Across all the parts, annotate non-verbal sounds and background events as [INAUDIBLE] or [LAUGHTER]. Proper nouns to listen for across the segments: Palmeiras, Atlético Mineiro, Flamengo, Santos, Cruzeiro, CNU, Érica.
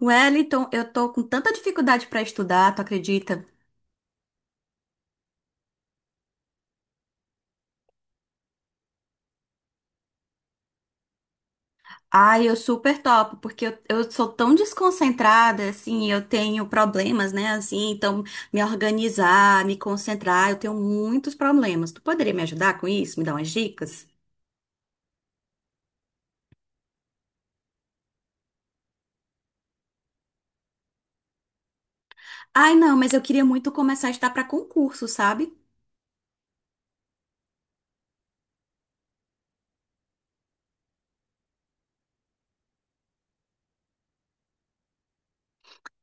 Wellington, eu tô com tanta dificuldade pra estudar, tu acredita? Ai, eu super topo, porque eu sou tão desconcentrada, assim, eu tenho problemas, né, assim, então me organizar, me concentrar, eu tenho muitos problemas. Tu poderia me ajudar com isso? Me dar umas dicas? Ai, não, mas eu queria muito começar a estudar pra concurso, sabe?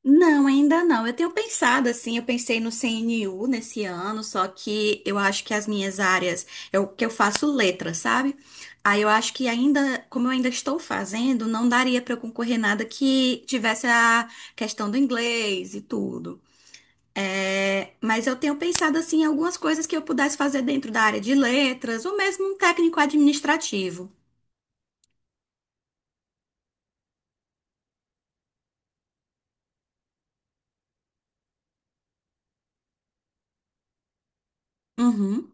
Não, ainda não. Eu tenho pensado assim, eu pensei no CNU nesse ano, só que eu acho que as minhas áreas, eu que eu faço letras, sabe? Aí eu acho que ainda, como eu ainda estou fazendo, não daria para eu concorrer nada que tivesse a questão do inglês e tudo. É, mas eu tenho pensado assim em algumas coisas que eu pudesse fazer dentro da área de letras, ou mesmo um técnico administrativo. Uhum,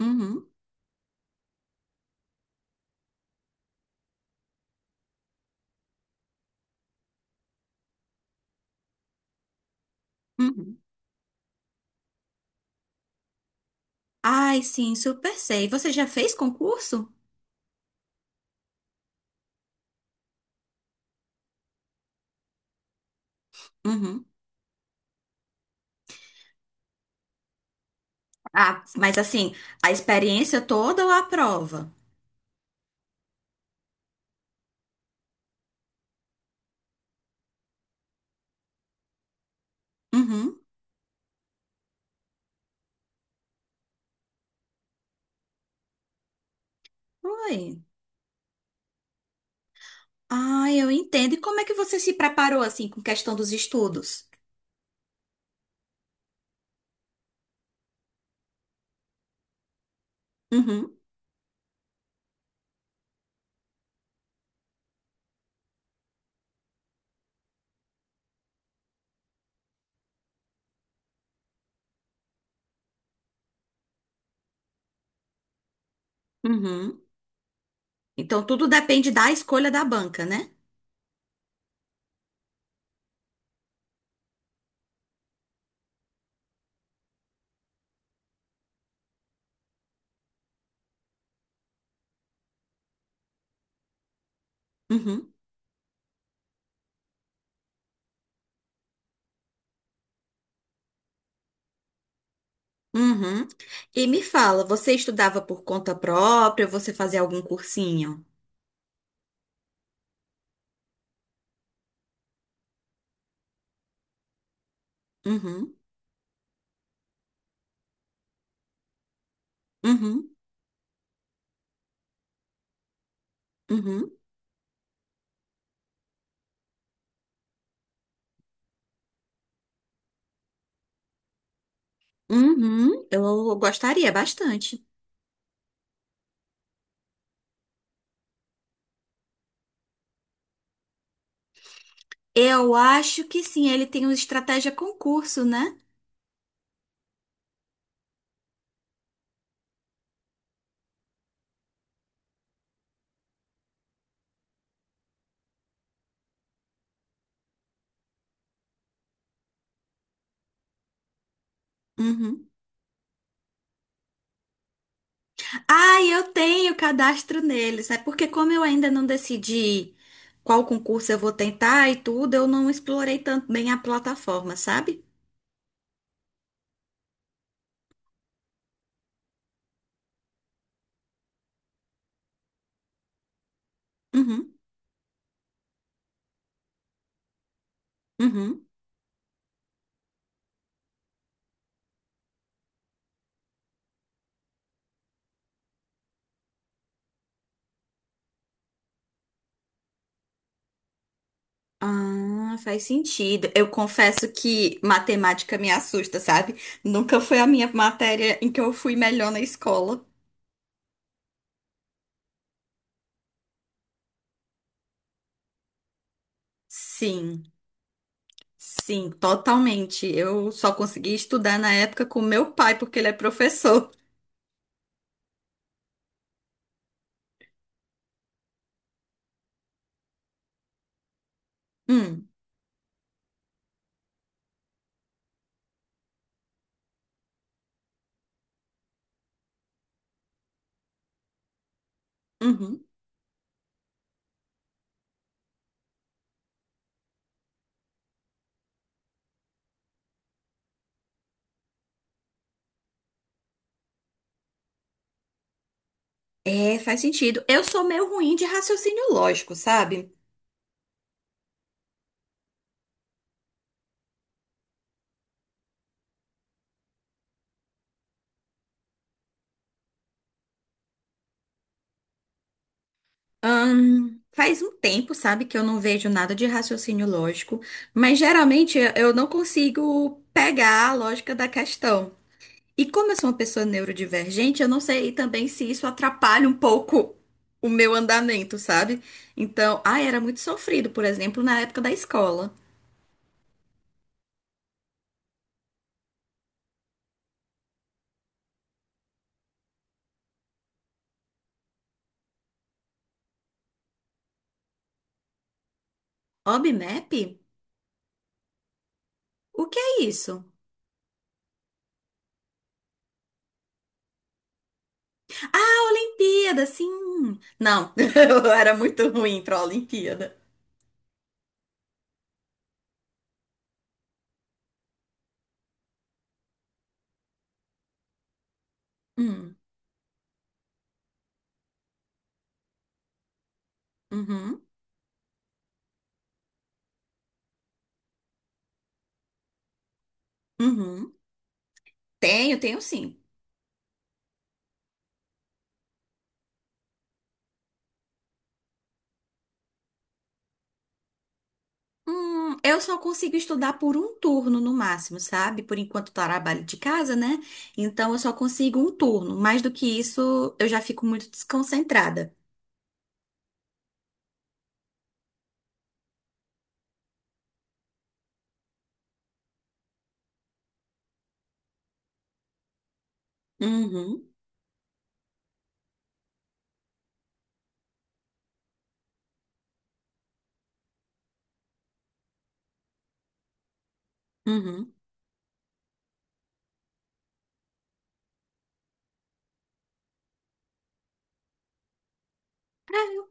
uhum, uhum. Ai, sim, super sei. Você já fez concurso? Uhum. Ah, mas assim, a experiência toda ou a prova? Uhum. Oi. Ah, eu entendo. E como é que você se preparou assim com questão dos estudos? Uhum. Uhum. Então tudo depende da escolha da banca, né? Uhum. Uhum. E me fala, você estudava por conta própria ou você fazia algum cursinho? Uhum. Uhum. Uhum. Uhum. Eu gostaria bastante. Eu acho que sim, ele tem uma estratégia concurso, né? Uhum. Ah, eu tenho cadastro neles. É porque como eu ainda não decidi qual concurso eu vou tentar e tudo, eu não explorei tanto bem a plataforma, sabe? Uhum, uhum. Ah, faz sentido. Eu confesso que matemática me assusta, sabe? Nunca foi a minha matéria em que eu fui melhor na escola. Sim, sim, totalmente. Eu só consegui estudar na época com meu pai, porque ele é professor. Hum, uhum. É, faz sentido. Eu sou meio ruim de raciocínio lógico, sabe? Faz um tempo, sabe, que eu não vejo nada de raciocínio lógico, mas geralmente eu não consigo pegar a lógica da questão. E como eu sou uma pessoa neurodivergente, eu não sei também se isso atrapalha um pouco o meu andamento, sabe? Então, ah, era muito sofrido, por exemplo, na época da escola. Obmap? O que é isso? Ah, Olimpíada, sim. Não, [LAUGHS] eu era muito ruim pra Olimpíada. Hum, uhum, uhum. Tenho, tenho sim. Eu só consigo estudar por um turno no máximo, sabe? Por enquanto eu trabalho de casa, né? Então eu só consigo um turno. Mais do que isso, eu já fico muito desconcentrada. Uhum, uhum.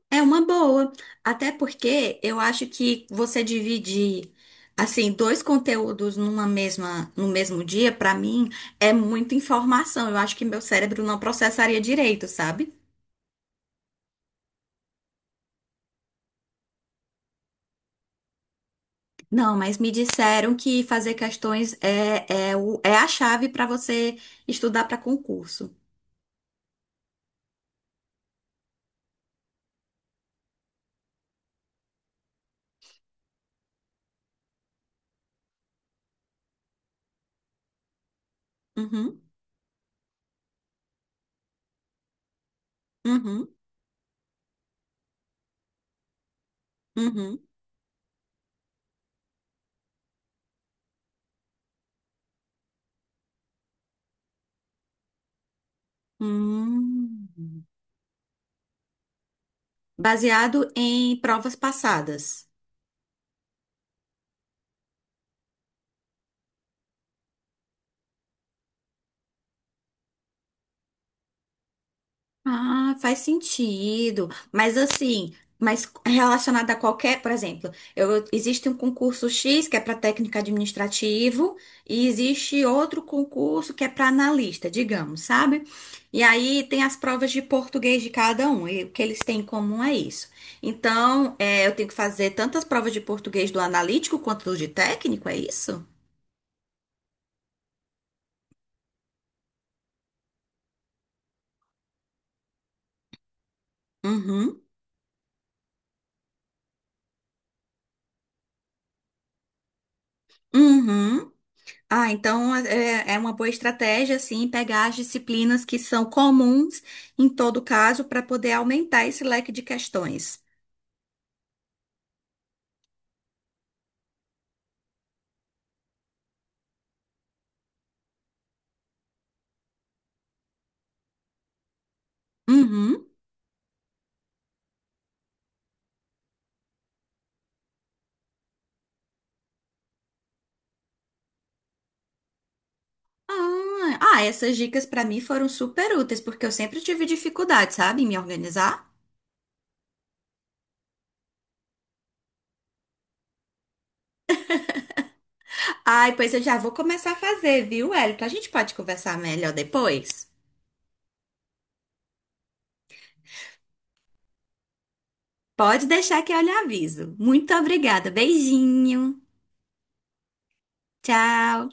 É uma boa, até porque eu acho que você dividir assim dois conteúdos numa mesma no mesmo dia, pra mim é muita informação. Eu acho que meu cérebro não processaria direito, sabe? Não, mas me disseram que fazer questões é a chave pra você estudar pra concurso. Uhum, uhum, uhum. Hum. Baseado em provas passadas. Ah, faz sentido. Mas assim, mas relacionado a qualquer, por exemplo, eu, existe um concurso X que é para técnico administrativo e existe outro concurso que é para analista, digamos, sabe? E aí tem as provas de português de cada um e o que eles têm em comum é isso. Então, é, eu tenho que fazer tantas provas de português do analítico quanto do de técnico, é isso? Uhum. Uhum. Ah, então é uma boa estratégia, assim, pegar as disciplinas que são comuns em todo caso para poder aumentar esse leque de questões. Uhum. Ah, essas dicas para mim foram super úteis, porque eu sempre tive dificuldade, sabe, em me organizar. Ai, pois eu já vou começar a fazer, viu, Érica? A gente pode conversar melhor depois? Pode deixar que eu lhe aviso. Muito obrigada. Beijinho. Tchau.